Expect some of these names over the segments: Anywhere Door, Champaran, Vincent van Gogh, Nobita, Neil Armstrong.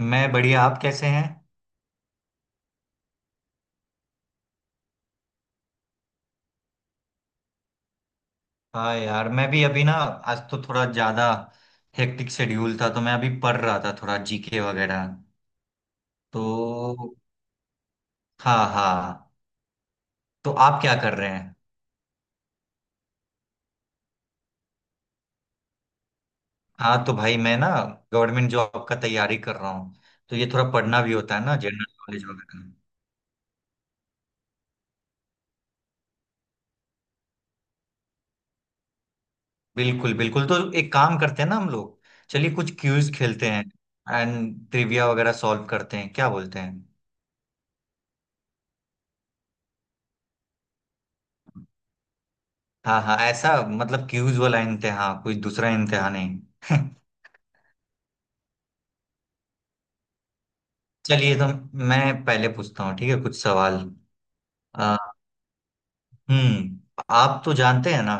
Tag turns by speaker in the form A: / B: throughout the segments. A: मैं बढ़िया। आप कैसे हैं? हाँ यार, मैं भी अभी ना आज तो थोड़ा ज्यादा हेक्टिक शेड्यूल था, तो मैं अभी पढ़ रहा था थोड़ा जीके वगैरह। तो हाँ, हाँ। तो आप क्या कर रहे हैं? हाँ, तो भाई मैं ना गवर्नमेंट जॉब का तैयारी कर रहा हूँ। तो ये थोड़ा पढ़ना भी होता है ना, जनरल नॉलेज वगैरह। बिल्कुल, बिल्कुल। तो एक काम करते हैं ना हम लोग। चलिए, कुछ क्यूज खेलते हैं। एंड ट्रिविया वगैरह सॉल्व करते हैं, क्या बोलते हैं? हाँ, हाँ, ऐसा मतलब क्यूज वाला इम्तिहान, कोई दूसरा इम्तिहान नहीं। चलिए, तो मैं पहले पूछता हूँ, ठीक है? कुछ सवाल। आ, आप तो जानते हैं ना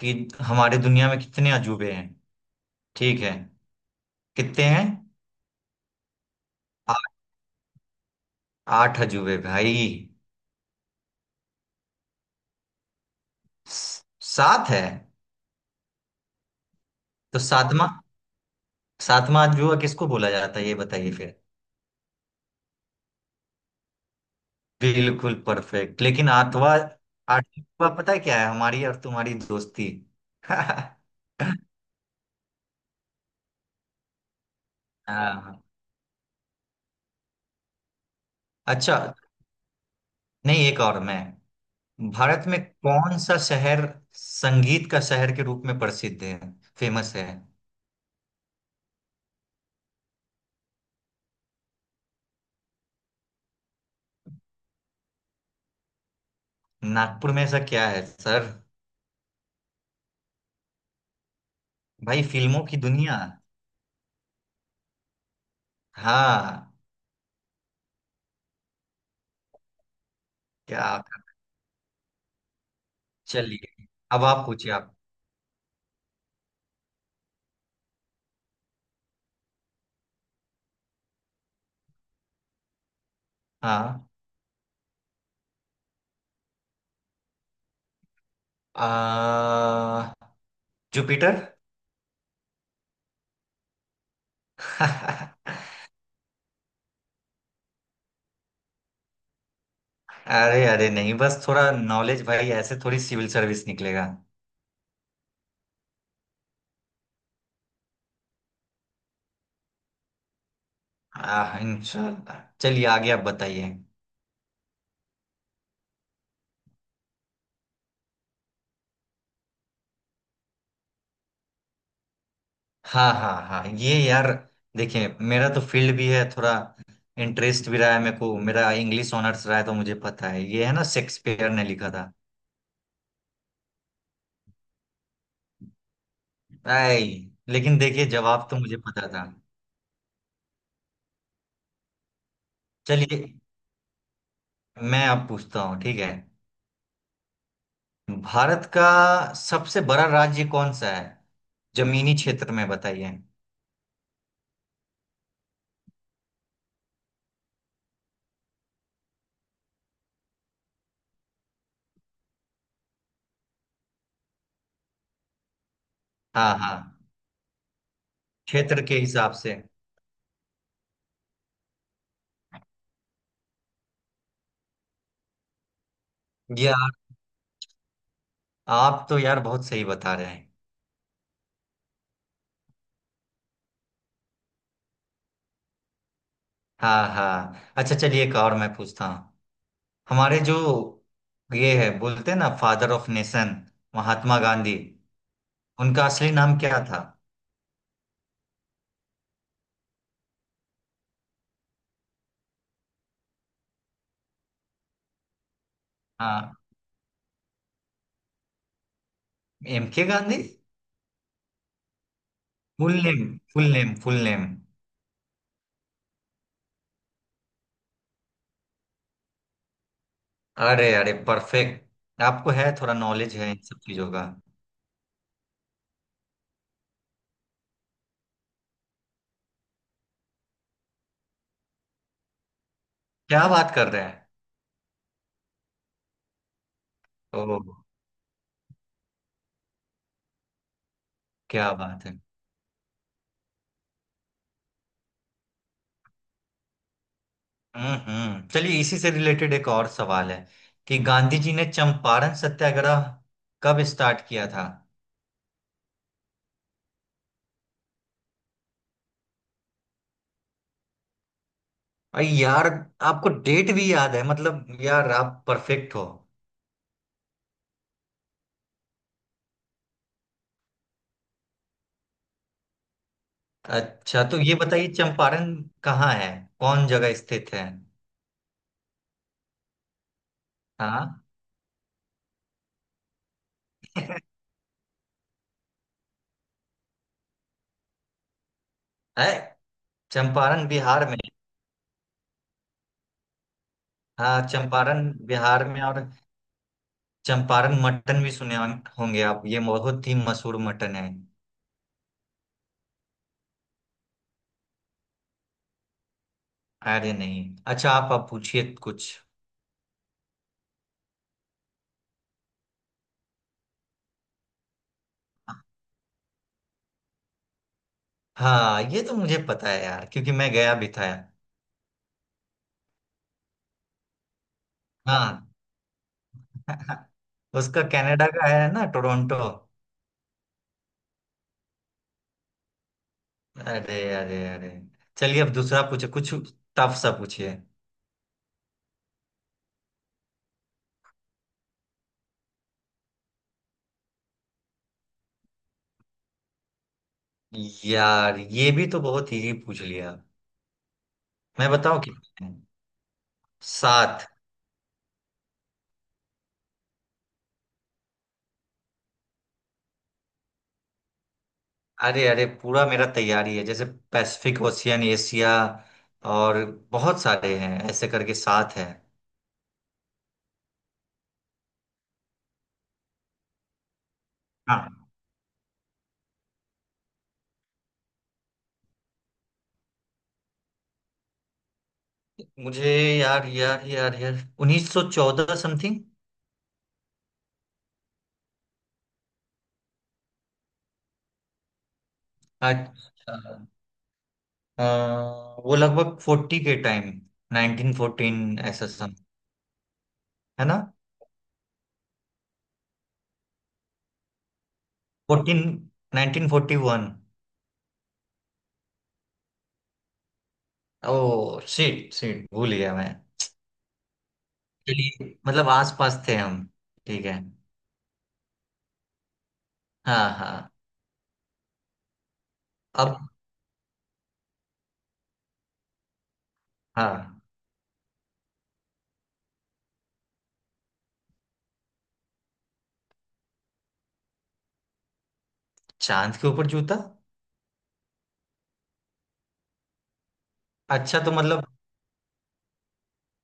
A: कि हमारे दुनिया में कितने अजूबे हैं? ठीक है, कितने हैं? आ, आठ अजूबे, भाई। सात है। तो सातवां सातवां अजूबा किसको बोला जाता है, ये बताइए फिर। बिल्कुल परफेक्ट! लेकिन आठवां? आठवां पता है क्या है? हमारी और तुम्हारी दोस्ती। हाँ। अच्छा, नहीं, एक और मैं। भारत में कौन सा शहर संगीत का शहर के रूप में प्रसिद्ध है, फेमस है? नागपुर में ऐसा क्या है, सर? भाई, फिल्मों की दुनिया। हाँ। क्या? चलिए, अब आप पूछिए, आप। हाँ। आ, जुपिटर। अरे, अरे, नहीं, बस थोड़ा नॉलेज भाई, ऐसे थोड़ी सिविल सर्विस निकलेगा। इंशाल्लाह। चलिए, आगे आप बताइए। हाँ, हाँ, हाँ, ये यार, देखिए मेरा तो फील्ड भी है थोड़ा, इंटरेस्ट भी रहा है मेरे को, मेरा इंग्लिश ऑनर्स रहा है, तो मुझे पता है ये, है ना? शेक्सपियर ने लिखा था। आई। लेकिन देखिए, जवाब तो मुझे पता था। चलिए, मैं अब पूछता हूँ, ठीक है? भारत का सबसे बड़ा राज्य कौन सा है? जमीनी क्षेत्र में बताइए। हाँ, हाँ। क्षेत्र के हिसाब से। यार, आप तो यार बहुत सही बता रहे हैं। हाँ, हाँ, अच्छा, चलिए, एक और मैं पूछता हूँ। हमारे जो ये है, बोलते हैं ना father of nation, Mahatma Gandhi. उनका असली नाम क्या था? हाँ, M K Gandhi. Full name, full name, full name? अरे, अरे परफेक्ट! आपको है थोड़ा नॉलेज है इन सब चीजों का। क्या बात कर रहे हैं! ओह। क्या बात है! हम्म, हम्म। चलिए, इसी से रिलेटेड एक और सवाल है कि गांधी जी ने चंपारण सत्याग्रह कब स्टार्ट किया था? अरे यार, आपको डेट भी याद है? मतलब यार, आप परफेक्ट हो। अच्छा, तो ये बताइए, चंपारण कहाँ है, कौन जगह स्थित है? हाँ। है। चंपारण बिहार में। हाँ, चंपारण बिहार में, और चंपारण मटन भी सुने होंगे आप, ये बहुत ही मशहूर मटन है। अरे, नहीं। अच्छा, आप पूछिए कुछ। हाँ, ये तो मुझे पता है यार, क्योंकि मैं गया भी था। हाँ। उसका कनाडा का है ना, टोरंटो। अरे, अरे, अरे, चलिए, अब दूसरा पूछे कुछ, टफ सा पूछिए। यार, ये भी तो बहुत इजी पूछ लिया। मैं बताऊं कितने हैं? सात। अरे, अरे, पूरा मेरा तैयारी है जैसे। पैसिफिक ओशियन, एशिया, और बहुत सारे हैं, ऐसे करके सात हैं। हाँ। मुझे, यार, यार, यार, यार, 1914 समथिंग। अच्छा। अ, वो लगभग 40 के टाइम, 1914 ऐसा सम, है ना? 14, 1941। ओ शिट, शिट, भूल गया मैं। चलिए, मतलब आस पास थे हम, ठीक है। हाँ, हाँ। अब। हाँ। चांद के ऊपर जूता? अच्छा, तो मतलब।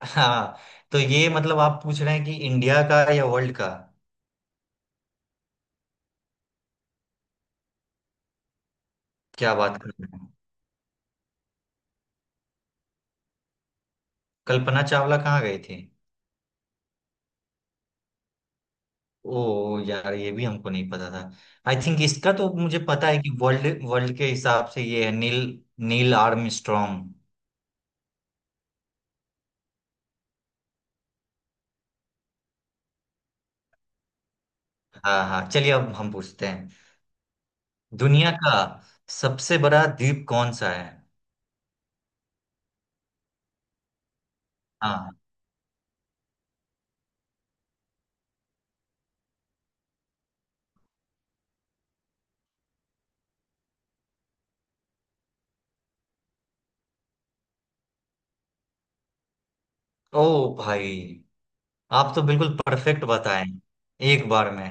A: हाँ। तो ये मतलब आप पूछ रहे हैं कि इंडिया का या वर्ल्ड का? क्या बात कर रहे हैं! कल्पना चावला कहाँ गई थी? ओ यार, ये भी हमको नहीं पता था। आई थिंक इसका तो मुझे पता है कि वर्ल्ड वर्ल्ड के हिसाब से ये है नील। Neil Armstrong. हाँ, हाँ, चलिए, अब हम पूछते हैं। दुनिया का सबसे बड़ा द्वीप कौन सा है? हाँ। ओ भाई, आप तो बिल्कुल परफेक्ट बताएं एक बार में।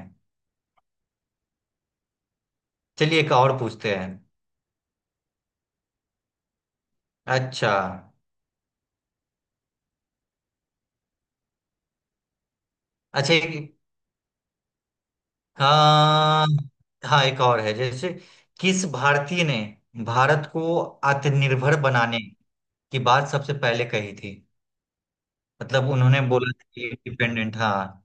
A: चलिए, एक और पूछते हैं। अच्छा। अच्छा, हाँ, हाँ, एक और है जैसे। किस भारतीय ने भारत को आत्मनिर्भर बनाने की बात सबसे पहले कही थी? मतलब उन्होंने बोला था कि इंडिपेंडेंट, हाँ।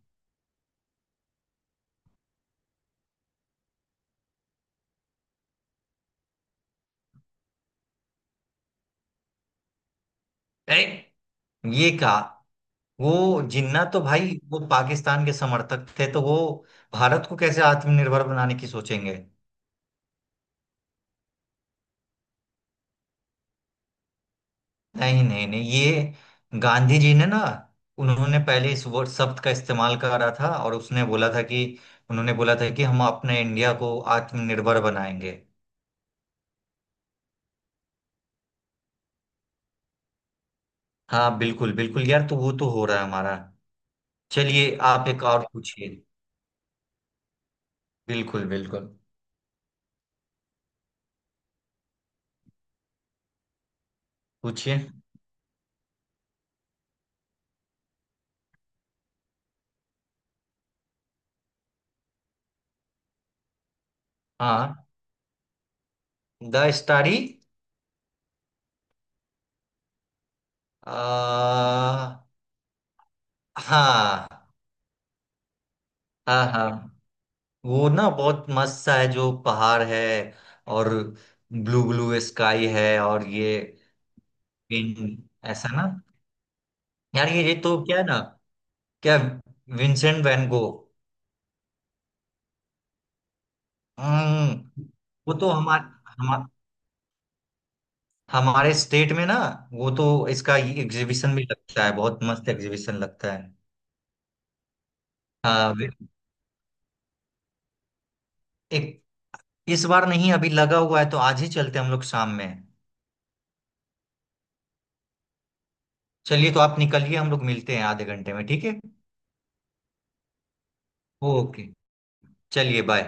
A: ए, ये कहा। वो जिन्ना तो भाई, वो पाकिस्तान के समर्थक थे, तो वो भारत को कैसे आत्मनिर्भर बनाने की सोचेंगे? नहीं, नहीं, नहीं, ये गांधी जी ने ना। उन्होंने पहले इस वर्ड, शब्द का इस्तेमाल करा था, और उसने बोला था कि उन्होंने बोला था कि हम अपने इंडिया को आत्मनिर्भर बनाएंगे। हाँ, बिल्कुल, बिल्कुल यार, तो वो तो हो रहा है हमारा। चलिए, आप एक और पूछिए। बिल्कुल, बिल्कुल, पूछिए। हाँ, द स्टारी? हाँ। हाँ, हाँ वो ना बहुत मस्त सा है, जो पहाड़ है, और ब्लू ब्लू स्काई है, और ये। विन, ऐसा ना। यार, ये तो क्या है ना। क्या? Vincent van Gogh. हम्म, वो तो हमारे, हमा, हमारे स्टेट में ना। वो तो इसका एग्जीबिशन भी लगता है, बहुत मस्त एग्जीबिशन लगता है। हाँ। एक, इस बार नहीं, अभी लगा हुआ है, तो आज ही चलते हैं हम लोग, शाम में। चलिए, तो आप निकलिए, हम लोग मिलते हैं आधे घंटे में, ठीक है? ओके, चलिए, बाय।